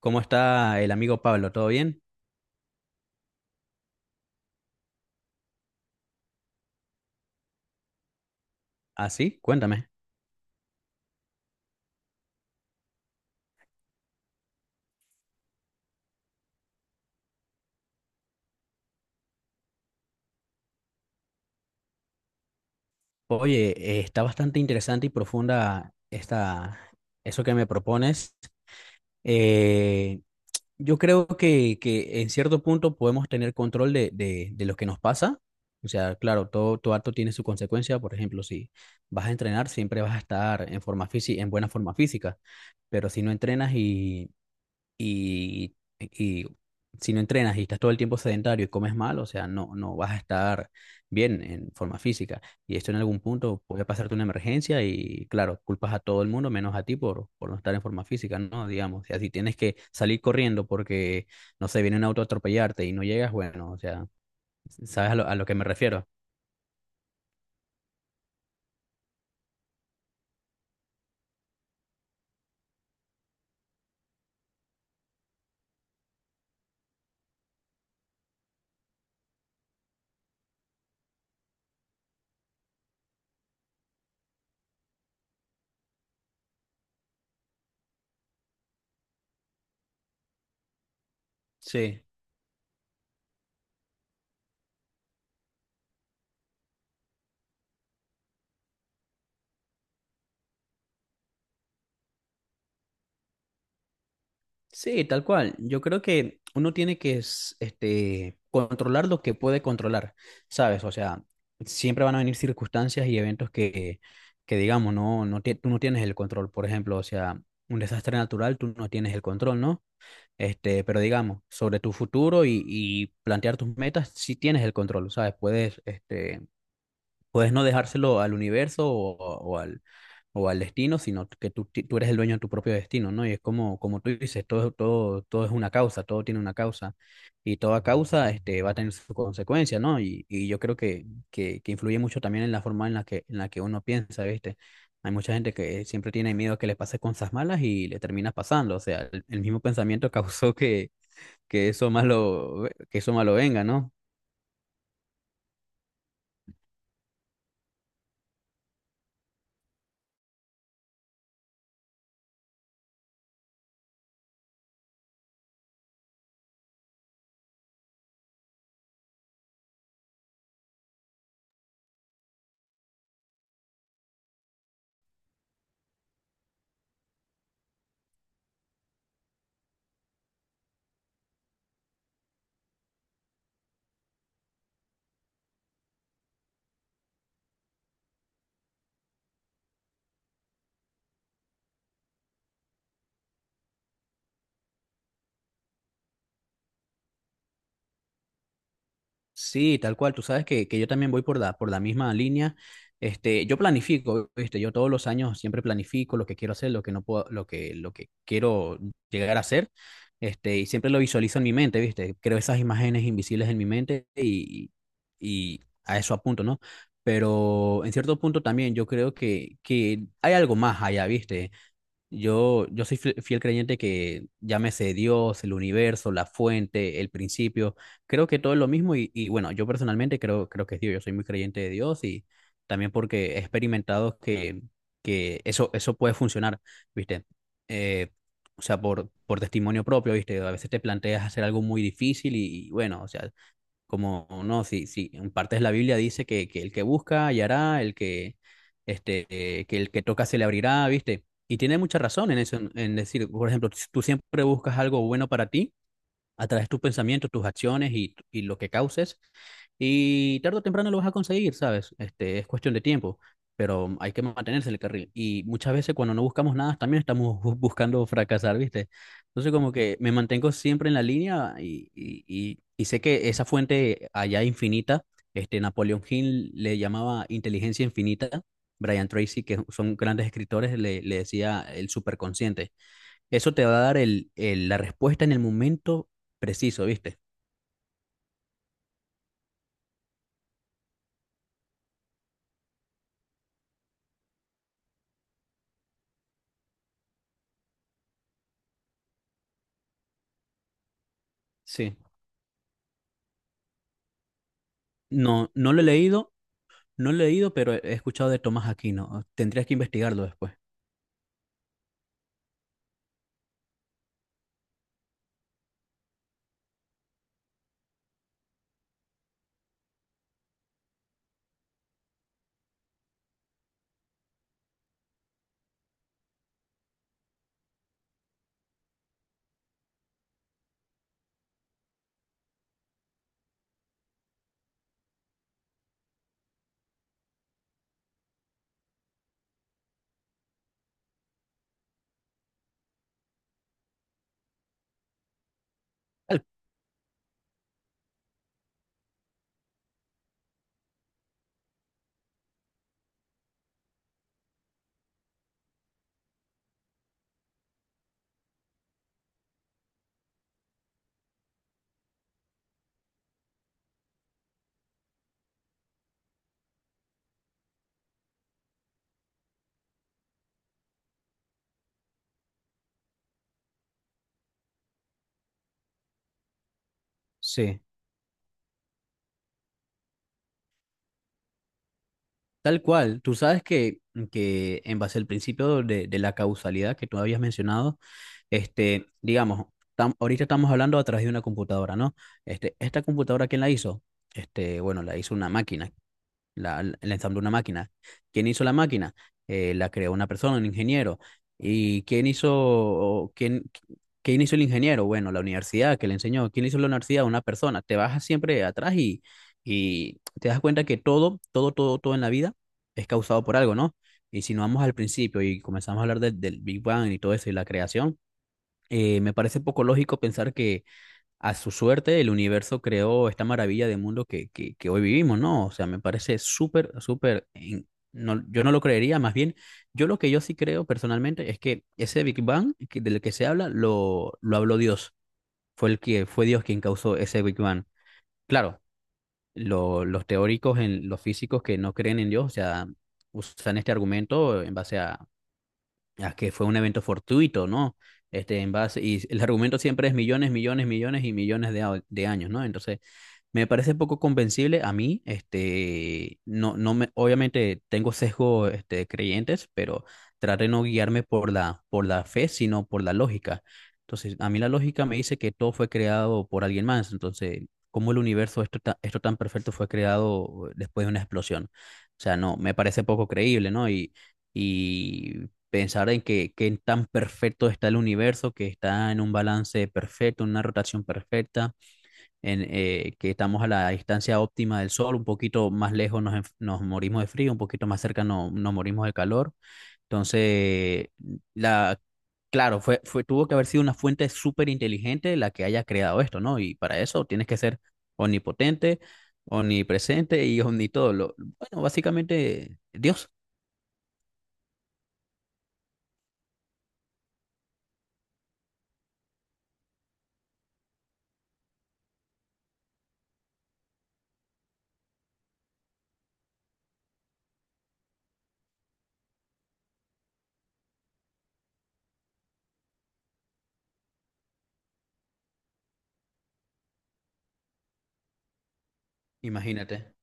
¿Cómo está el amigo Pablo? ¿Todo bien? ¿Ah, sí? Cuéntame. Oye, está bastante interesante y profunda eso que me propones. Eh, yo creo que en cierto punto podemos tener control de lo que nos pasa. O sea, claro, todo acto tiene su consecuencia. Por ejemplo, si vas a entrenar, siempre vas a estar en forma física, en buena forma física. Pero y, y si no entrenas y estás todo el tiempo sedentario y comes mal, o sea, no vas a estar bien en forma física. Y esto en algún punto puede pasarte una emergencia y, claro, culpas a todo el mundo menos a ti por no estar en forma física, ¿no? Digamos, o sea, si tienes que salir corriendo porque, no sé, viene un auto a atropellarte y no llegas, bueno, o sea, ¿sabes a lo que me refiero? Sí. Sí, tal cual. Yo creo que uno tiene que controlar lo que puede controlar, ¿sabes? O sea, siempre van a venir circunstancias y eventos que digamos, no, tú no tienes el control. Por ejemplo, o sea, un desastre natural, tú no tienes el control, ¿no? Pero digamos, sobre tu futuro y plantear tus metas, sí tienes el control, ¿sabes? Puedes no dejárselo al universo o al destino, sino que tú eres el dueño de tu propio destino, ¿no? Y es como, como tú dices, todo es una causa, todo tiene una causa y toda causa va a tener su consecuencia, ¿no? Y yo creo que influye mucho también en la forma en la que uno piensa, ¿viste? Hay mucha gente que siempre tiene miedo a que le pase cosas malas y le termina pasando, o sea, el mismo pensamiento causó que eso malo venga, ¿no? Sí, tal cual. Tú sabes que yo también voy por la misma línea. Yo planifico, ¿viste? Yo todos los años siempre planifico lo que quiero hacer, lo que no puedo, lo que quiero llegar a hacer. Y siempre lo visualizo en mi mente, ¿viste? Creo esas imágenes invisibles en mi mente y a eso apunto, ¿no? Pero en cierto punto también yo creo que hay algo más allá, ¿viste? Yo soy fiel creyente que llámese Dios, el universo, la fuente, el principio, creo que todo es lo mismo y bueno, yo personalmente creo que es Dios, yo soy muy creyente de Dios y también porque he experimentado que eso puede funcionar, ¿viste? Eh, o sea, por testimonio propio, ¿viste? A veces te planteas hacer algo muy difícil y bueno, o sea, como, no, sí, sí, en partes la Biblia dice que el que busca hallará, este, que el que toca se le abrirá, ¿viste? Y tiene mucha razón en eso, en decir, por ejemplo, si tú siempre buscas algo bueno para ti, a través de tus pensamientos, tus acciones y lo que causes. Y tarde o temprano lo vas a conseguir, ¿sabes? Es cuestión de tiempo, pero hay que mantenerse en el carril. Y muchas veces cuando no buscamos nada, también estamos buscando fracasar, ¿viste? Entonces como que me mantengo siempre en la línea y sé que esa fuente allá infinita, Napoleon Hill le llamaba inteligencia infinita, Brian Tracy, que son grandes escritores, le decía el superconsciente. Eso te va a dar la respuesta en el momento preciso, ¿viste? Sí. No, no lo he leído, no lo he leído, pero he escuchado de Tomás Aquino. Tendrías que investigarlo después. Tal, Sí, tal cual. Tú sabes que en base al principio de la causalidad que tú habías mencionado, digamos, ahorita estamos hablando a través de una computadora, ¿no? Esta computadora, ¿quién la hizo? Bueno, la hizo una máquina, el ensamble de una máquina. ¿Quién hizo la máquina? La creó una persona, un ingeniero. ¿Y quién hizo, quién, quién hizo el ingeniero? Bueno, la universidad que le enseñó. ¿Quién hizo la universidad? Una persona. Te vas siempre atrás y te das cuenta que todo en la vida es causado por algo, ¿no? Y si no vamos al principio y comenzamos a hablar del Big Bang y todo eso y la creación, me parece poco lógico pensar que a su suerte, el universo creó esta maravilla de mundo que hoy vivimos, ¿no? O sea, me parece súper, súper. No, yo no lo creería, más bien, yo lo que yo sí creo personalmente es que ese Big Bang del que se habla lo habló Dios, fue el que fue Dios quien causó ese Big Bang. Claro, los teóricos, los físicos que no creen en Dios, o sea, usan este argumento en base a que fue un evento fortuito, ¿no? Y el argumento siempre es millones, millones, millones y millones de años, ¿no? Entonces, me parece poco convencible a mí, este, no, no me, obviamente tengo sesgo, de creyentes, pero trato de no guiarme por la fe, sino por la lógica. Entonces, a mí la lógica me dice que todo fue creado por alguien más, entonces, ¿cómo el universo, esto tan perfecto, fue creado después de una explosión? O sea, no, me parece poco creíble, ¿no? Y pensar en que tan perfecto está el universo, que está en un balance perfecto, en una rotación perfecta que estamos a la distancia óptima del sol, un poquito más lejos nos morimos de frío, un poquito más cerca no, nos morimos de calor. Entonces, la, claro, tuvo que haber sido una fuente súper inteligente la que haya creado esto, ¿no? Y para eso tienes que ser omnipotente, omnipresente y omnitodo. Bueno, básicamente, Dios, imagínate.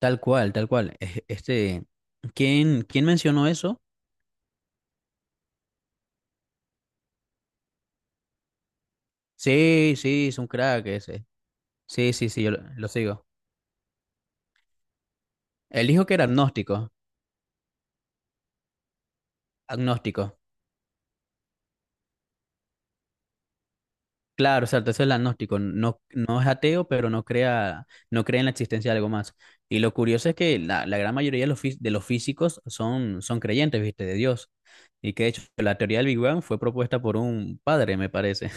Tal cual, tal cual. ¿Quién mencionó eso? Sí, sí, es un crack ese. Sí, sí, sí, yo lo sigo. Él dijo que era agnóstico. Claro, o sea, entonces el agnóstico no es ateo, pero no cree en la existencia de algo más. Y lo curioso es que la gran mayoría de los físicos son creyentes, ¿viste? De Dios. Y que de hecho la teoría del Big Bang fue propuesta por un padre, me parece.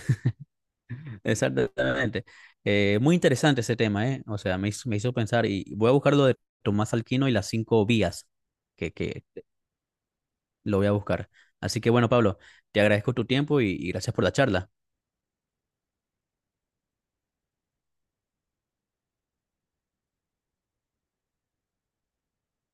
Exactamente. Muy interesante ese tema, ¿eh? O sea, me hizo pensar y voy a buscar lo de Tomás Alquino y las 5 vías, que lo voy a buscar. Así que bueno, Pablo, te agradezco tu tiempo y gracias por la charla.